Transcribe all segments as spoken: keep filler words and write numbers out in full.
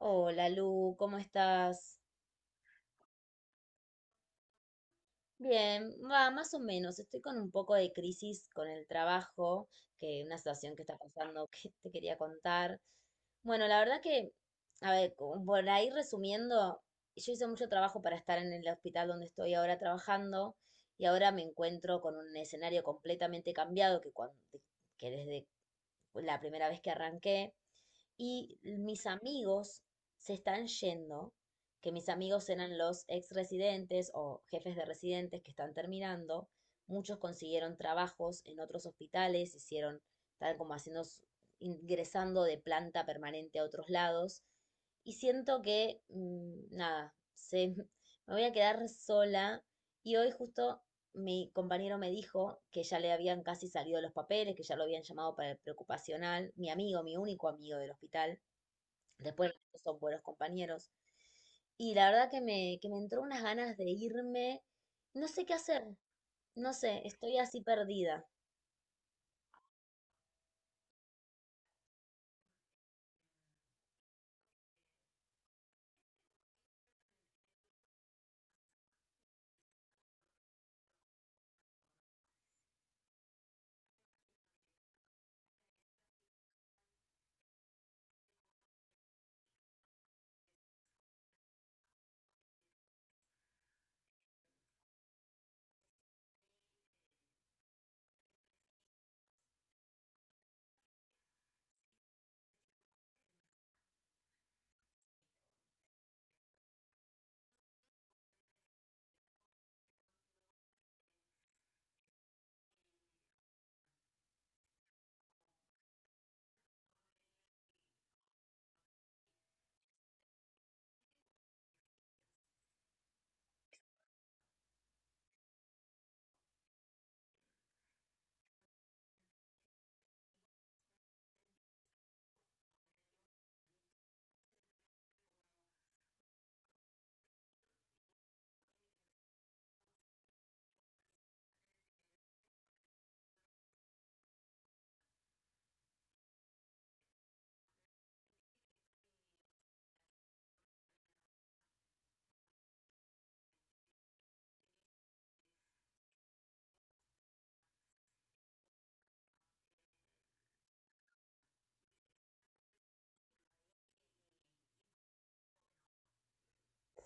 Hola Lu, ¿cómo estás? Bien, va, más o menos. Estoy con un poco de crisis con el trabajo, que una situación que está pasando que te quería contar. Bueno, la verdad que, a ver, como por ahí resumiendo, yo hice mucho trabajo para estar en el hospital donde estoy ahora trabajando y ahora me encuentro con un escenario completamente cambiado que, cuando, que desde la primera vez que arranqué, y mis amigos se están yendo, que mis amigos eran los ex residentes o jefes de residentes que están terminando, muchos consiguieron trabajos en otros hospitales, hicieron, estaban como haciendo, ingresando de planta permanente a otros lados, y siento que, mm, nada, se, me voy a quedar sola, y hoy justo mi compañero me dijo que ya le habían casi salido los papeles, que ya lo habían llamado para el preocupacional, mi amigo, mi único amigo del hospital, después los otros son buenos compañeros, y la verdad que me, que me entró unas ganas de irme, no sé qué hacer, no sé, estoy así perdida.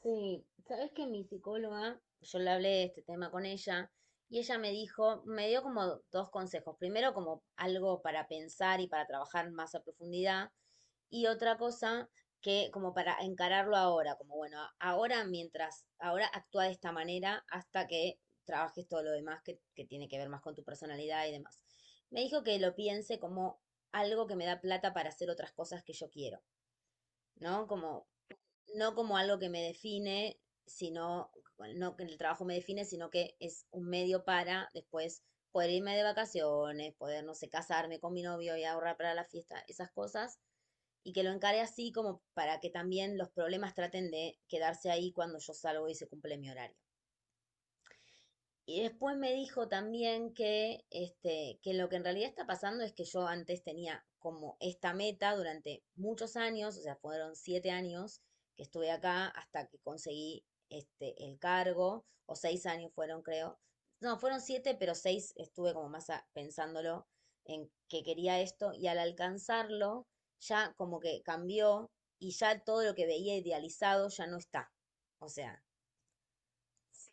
Sí, sabes que mi psicóloga, yo le hablé de este tema con ella y ella me dijo, me dio como dos consejos. Primero, como algo para pensar y para trabajar más a profundidad. Y otra cosa que como para encararlo ahora, como bueno, a- ahora mientras, ahora actúa de esta manera hasta que trabajes todo lo demás que, que tiene que ver más con tu personalidad y demás. Me dijo que lo piense como algo que me da plata para hacer otras cosas que yo quiero, ¿no? Como no como algo que me define, sino, bueno, no que el trabajo me define, sino que es un medio para después poder irme de vacaciones, poder, no sé, casarme con mi novio y ahorrar para la fiesta, esas cosas, y que lo encare así como para que también los problemas traten de quedarse ahí cuando yo salgo y se cumple mi horario. Y después me dijo también que, este, que lo que en realidad está pasando es que yo antes tenía como esta meta durante muchos años, o sea, fueron siete años que estuve acá hasta que conseguí este, el cargo, o seis años fueron, creo. No, fueron siete, pero seis estuve como más a- pensándolo en que quería esto y al alcanzarlo ya como que cambió y ya todo lo que veía idealizado ya no está. O sea, sí,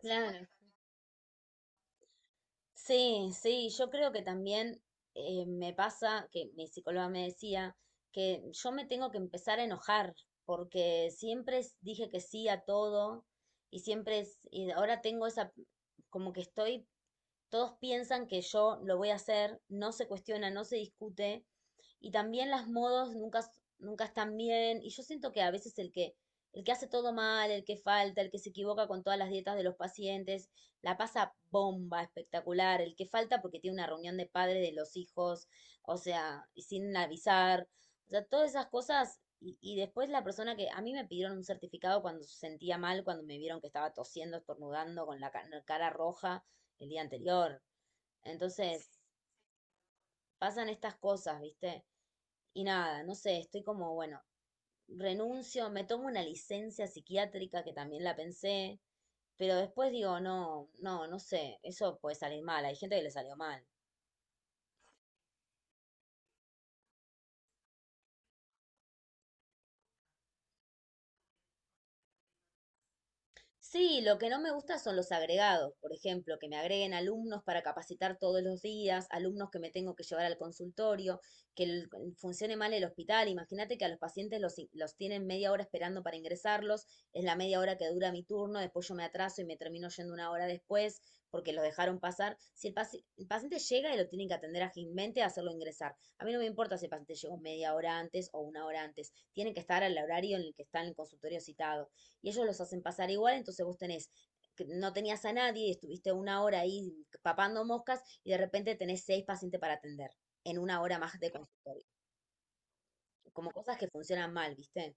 claro. Sí, sí, yo creo que también eh, me pasa que mi psicóloga me decía que yo me tengo que empezar a enojar porque siempre es- dije que sí a todo y siempre es, y ahora tengo esa, como que estoy todos piensan que yo lo voy a hacer, no se cuestiona, no se discute. Y también las modos nunca, nunca están bien. Y yo siento que a veces el que, el que hace todo mal, el que falta, el que se equivoca con todas las dietas de los pacientes, la pasa bomba, espectacular. El que falta porque tiene una reunión de padres de los hijos, o sea, sin avisar. O sea, todas esas cosas. Y, y después la persona que a mí me pidieron un certificado cuando se sentía mal, cuando me vieron que estaba tosiendo, estornudando, con la cara roja el día anterior. Entonces, pasan estas cosas, ¿viste? Y nada, no sé, estoy como, bueno, renuncio, me tomo una licencia psiquiátrica que también la pensé, pero después digo, no, no, no sé, eso puede salir mal, hay gente que le salió mal. Sí, lo que no me gusta son los agregados, por ejemplo, que me agreguen alumnos para capacitar todos los días, alumnos que me tengo que llevar al consultorio, que el- funcione mal el hospital. Imagínate que a los pacientes los, in- los tienen media hora esperando para ingresarlos, es la media hora que dura mi turno, después yo me atraso y me termino yendo una hora después porque los dejaron pasar. Si el, paci- el paciente llega y lo tienen que atender ágilmente, hacerlo ingresar. A mí no me importa si el paciente llegó media hora antes o una hora antes, tienen que estar al horario en el que está en el consultorio citado y ellos los hacen pasar igual, entonces vos tenés no tenías a nadie y estuviste una hora ahí papando moscas y de repente tenés seis pacientes para atender en una hora más de consultorio, como cosas que funcionan mal, ¿viste?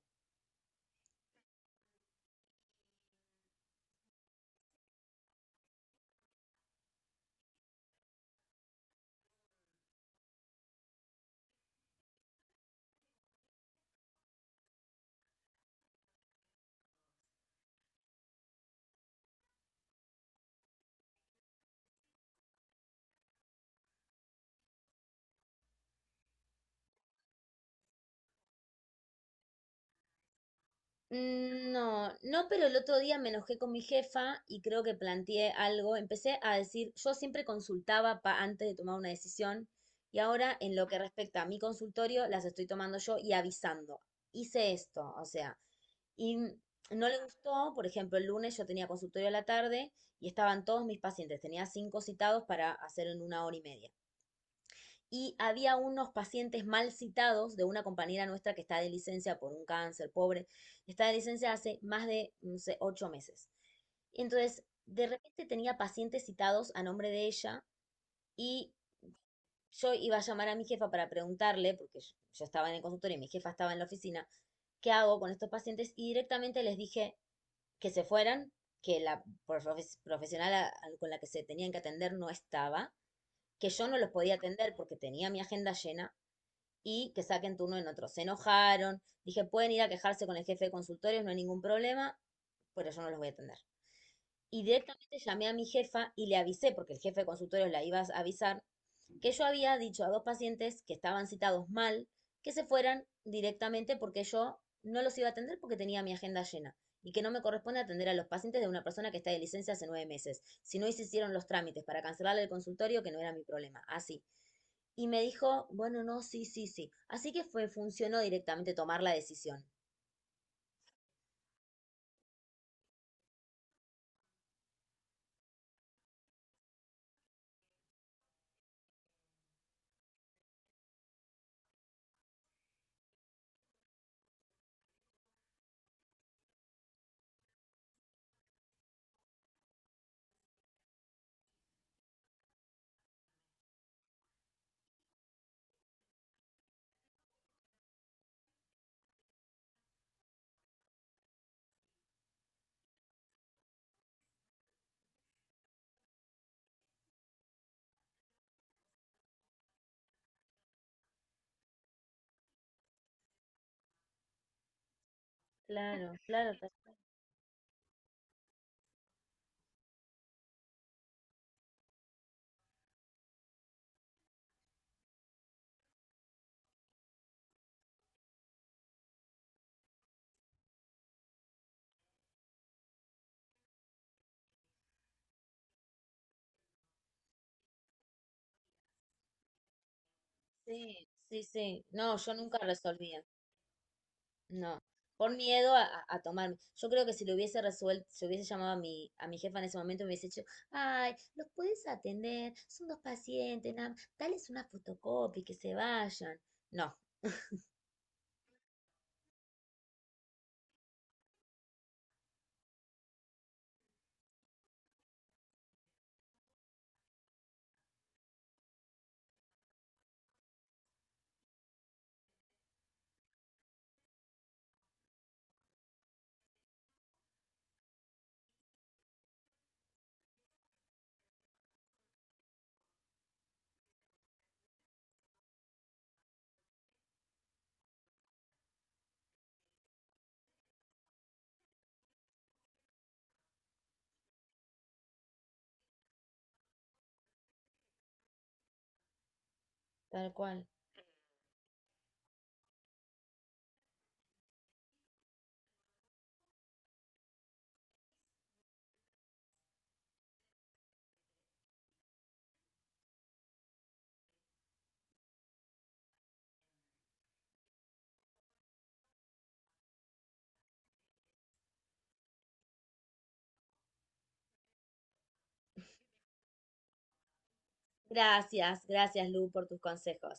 Mm, No, no, pero el otro día me enojé con mi jefa y creo que planteé algo. Empecé a decir, yo siempre consultaba pa- antes de tomar una decisión y ahora en lo que respecta a mi consultorio las estoy tomando yo y avisando. Hice esto, o sea, y no le gustó, por ejemplo, el lunes yo tenía consultorio a la tarde y estaban todos mis pacientes, tenía cinco citados para hacer en una hora y media y había unos pacientes mal citados de una compañera nuestra que está de licencia por un cáncer, pobre, está de licencia hace más de, no sé, ocho meses. Entonces, de repente tenía pacientes citados a nombre de ella y yo iba a llamar a mi jefa para preguntarle, porque yo, yo estaba en el consultorio y mi jefa estaba en la oficina, ¿qué hago con estos pacientes? Y directamente les dije que se fueran, que la profes- profesional a- a- con la que se tenían que atender no estaba, que yo no los podía atender porque tenía mi agenda llena y que saquen turno en otro. Se enojaron, dije, pueden ir a quejarse con el jefe de consultorios, no hay ningún problema, pero yo no los voy a atender. Y directamente llamé a mi jefa y le avisé, porque el jefe de consultorio la iba a avisar, que yo había dicho a dos pacientes que estaban citados mal, que se fueran directamente porque yo no los iba a atender porque tenía mi agenda llena y que no me corresponde atender a los pacientes de una persona que está de licencia hace nueve meses. Si no se hicieron los trámites para cancelarle el consultorio, que no era mi problema. Así. Y me dijo, bueno, no, sí, sí, sí. Así que fue, funcionó directamente tomar la decisión. Claro, claro, tal cual. Sí, sí, sí. No, yo nunca resolvía. No, por miedo a, a- a tomarme. Yo creo que si lo hubiese resuelto, si hubiese llamado a mi, a mi jefa en ese momento, me hubiese dicho, ay, los puedes atender, son dos pacientes, nada, más, dales una fotocopia y que se vayan. No, tal cual. Gracias, gracias Lu por tus consejos.